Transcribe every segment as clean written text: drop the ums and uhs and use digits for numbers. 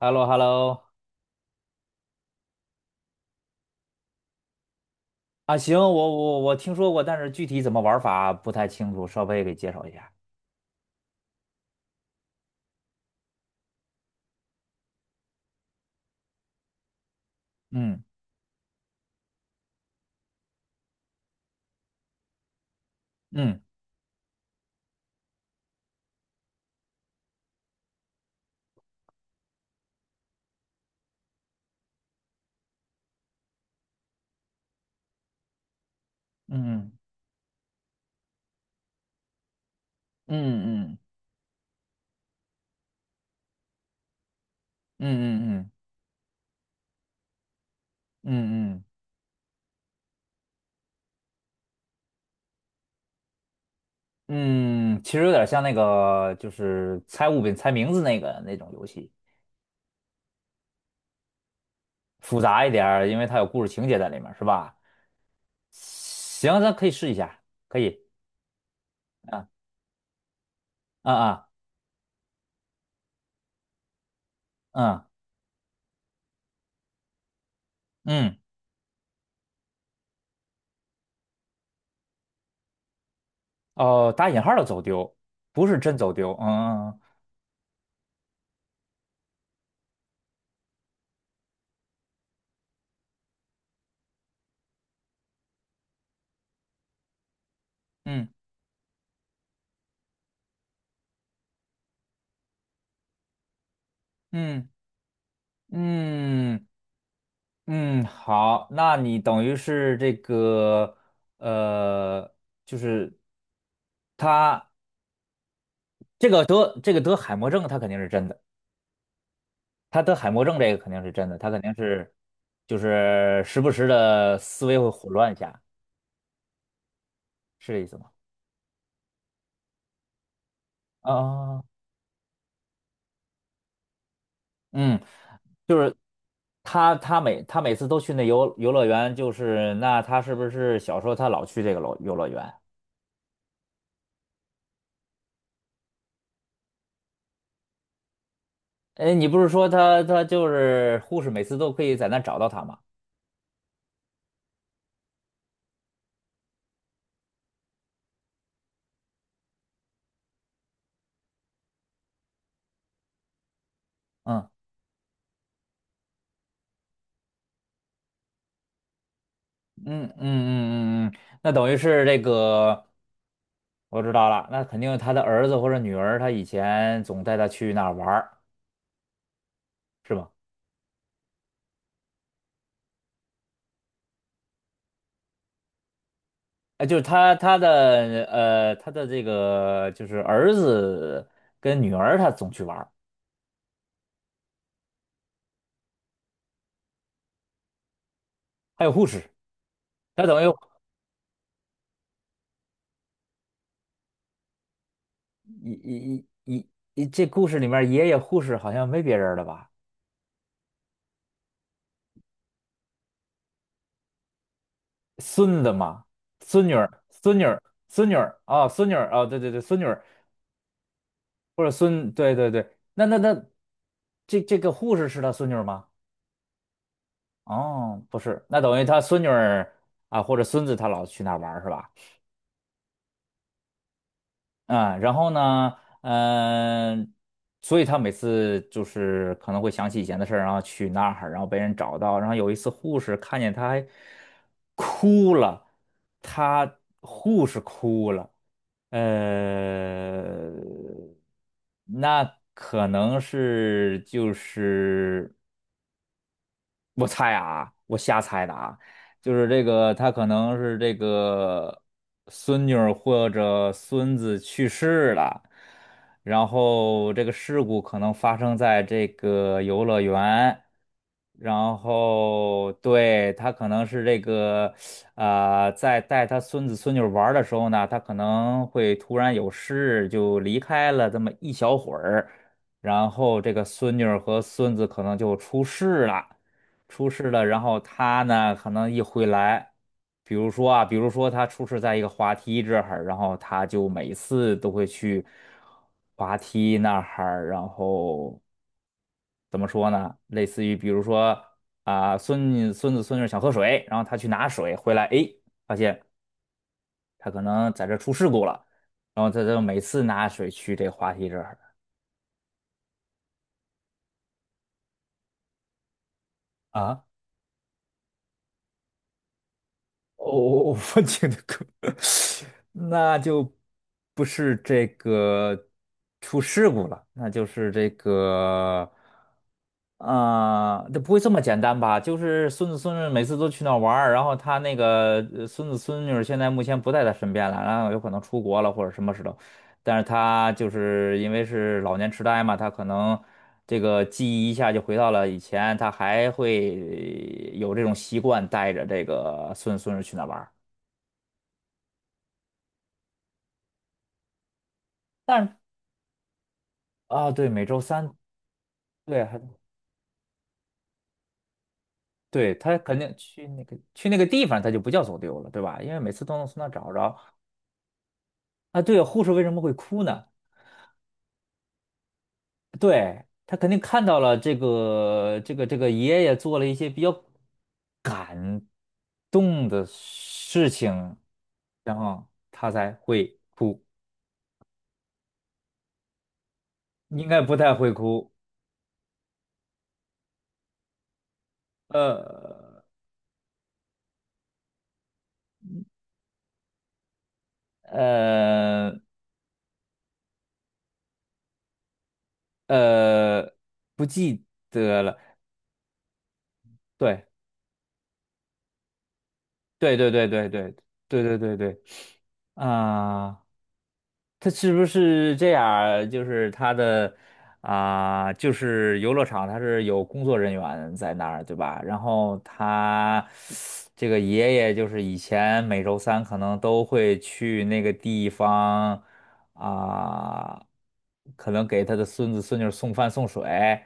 h e l l o h e l l o 啊，行，我听说过，但是具体怎么玩法不太清楚，稍微给介绍一下。嗯嗯嗯嗯嗯嗯嗯嗯嗯嗯嗯，其实有点像那个，就是猜物品、猜名字那个那种游戏，复杂一点儿因为它有故事情节在里面，是吧？行，咱可以试一下，可以。啊啊啊嗯嗯，哦，打引号的走丢，不是真走丢。嗯嗯嗯嗯。嗯嗯，嗯，好，那你等于是这个，呃，就是他这个得这个得海默症，他肯定是真的，他得海默症这个肯定是真的，他肯定是就是时不时的思维会混乱一下，是这意思吗？啊，嗯，就是他每次都去那游乐园，就是那他是不是小时候他老去这个游乐园？哎，你不是说他就是护士每次都可以在那找到他吗？嗯。嗯嗯嗯嗯嗯，那等于是这个，我知道了，那肯定他的儿子或者女儿，他以前总带他去那儿玩儿，是吧？哎，就是他的这个就是儿子跟女儿，他总去玩儿，还有护士，他等于一一一一一这故事里面爷爷护士好像没别人了吧？孙子嘛，孙女儿，孙女儿，孙女儿啊，孙女儿啊，对对对，孙女儿。或者孙，对对对，那那那，这个护士是他孙女儿吗？哦，不是，那等于他孙女儿啊，或者孙子，他老去那儿玩儿是吧？嗯，然后呢，嗯、所以他每次就是可能会想起以前的事儿，然后去那儿，然后被人找到，然后有一次护士看见他还哭了，他护士哭了，呃，那可能是就是。我猜啊，我瞎猜的啊，就是这个，他可能是这个孙女儿或者孙子去世了，然后这个事故可能发生在这个游乐园，然后对，他可能是这个，在带他孙子孙女儿玩儿的时候呢，他可能会突然有事就离开了这么一小会儿，然后这个孙女儿和孙子可能就出事了。出事了，然后他呢可能一回来，比如说他出事在一个滑梯这儿，然后他就每次都会去滑梯那儿，然后怎么说呢？类似于比如说啊，孙女孙子、孙女想喝水，然后他去拿水回来，诶，发现他可能在这儿出事故了，然后他就每次拿水去这滑梯这儿啊。哦，我情的歌，那就不是这个出事故了，那就是这个啊，不会这么简单吧？就是孙子孙女每次都去那儿玩儿然后他孙子孙女儿现在目前不在他身边了，然后有可能出国了或者什么时候，但是他就是因为是老年痴呆嘛，他可能这个记忆一下就回到了以前，他还会有这种习惯带着这个孙子孙女儿去那儿玩儿但是啊，对，每周三，对，还对他肯定去那个地方，他就不叫走丢了，对吧？因为每次都能从那儿找着。啊，对，护士为什么会哭呢？对，他肯定看到了这个爷爷做了一些比较动的事情，然后他才会哭，应该不太会哭。呃呃呃，不记得了。对对对对对对对对对对啊。他是不是这样儿就是他的啊、就是游乐场，他是有工作人员在那儿，对吧？然后他这个爷爷就是以前每周三可能都会去那个地方啊、可能给他的孙子孙女儿送饭送水，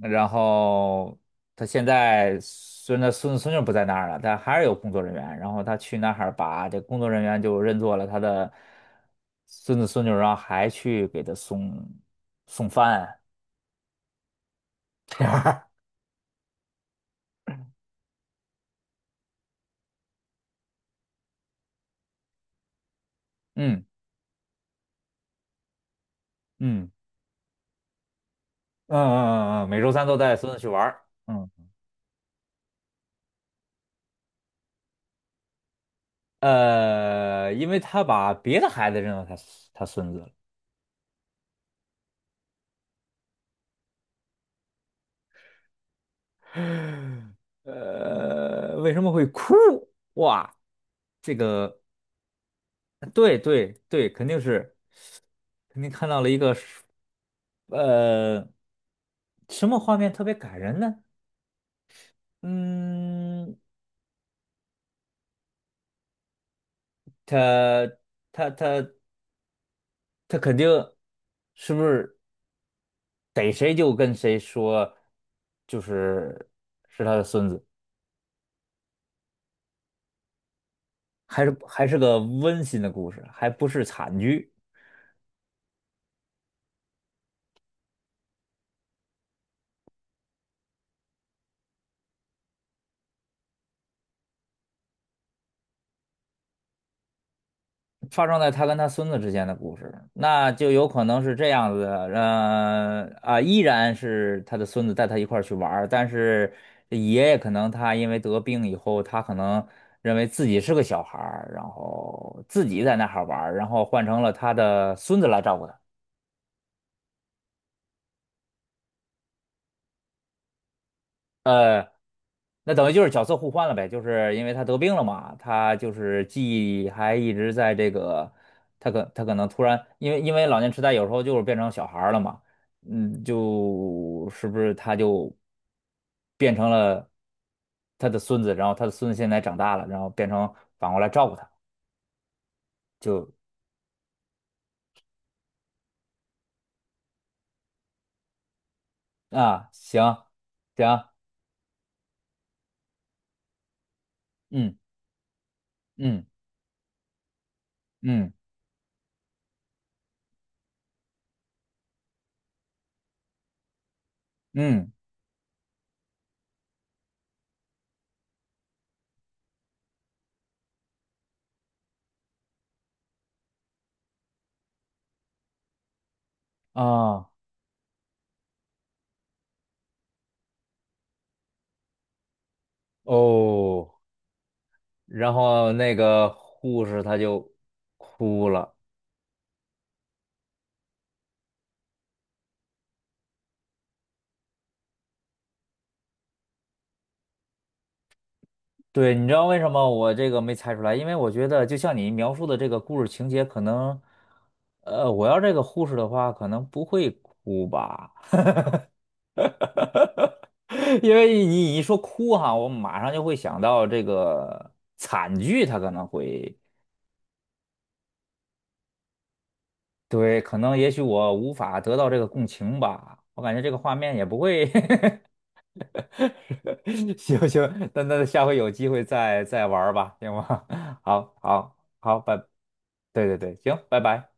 然后他现在虽然他孙子孙女不在那儿了，但还是有工作人员。然后他去那儿把这工作人员就认作了他的孙子孙女，然后还去给他送饭。嗯嗯嗯嗯嗯嗯，每周三都带孙子去玩儿嗯因为他把别的孩子认作他孙子了。为什么会哭？哇，这个。对对对，肯定是，肯定看到了一个是呃，什么画面特别感人呢？嗯，他他他他肯定是不是逮谁就跟谁说，就是是他的孙子，还是个温馨的故事，还不是惨剧。发生在他跟他孙子之间的故事，那就有可能是这样子的，依然是他的孙子带他一块儿去玩儿，但是爷爷可能他因为得病以后，他可能认为自己是个小孩儿，然后自己在那哈玩儿，然后换成了他的孙子来照顾他。呃，那等于就是角色互换了呗，就是因为他得病了嘛，他就是记忆还一直在这个，他可能突然，因为老年痴呆有时候就是变成小孩儿了嘛，嗯，就是不是他就变成了他的孙子，然后他的孙子现在长大了，然后变成反过来照顾他，就啊，行行，嗯嗯嗯嗯啊哦。然后那个护士她就哭了。对，你知道为什么我这个没猜出来？因为我觉得就像你描述的这个故事情节，可能，我要这个护士的话，可能不会哭吧。因为你一说哭哈，我马上就会想到这个惨剧，它可能会，对，可能也许我无法得到这个共情吧，我感觉这个画面也不会 行行，那下回有机会再玩儿吧，行吗？好，好，好，拜，对对对，行，拜拜。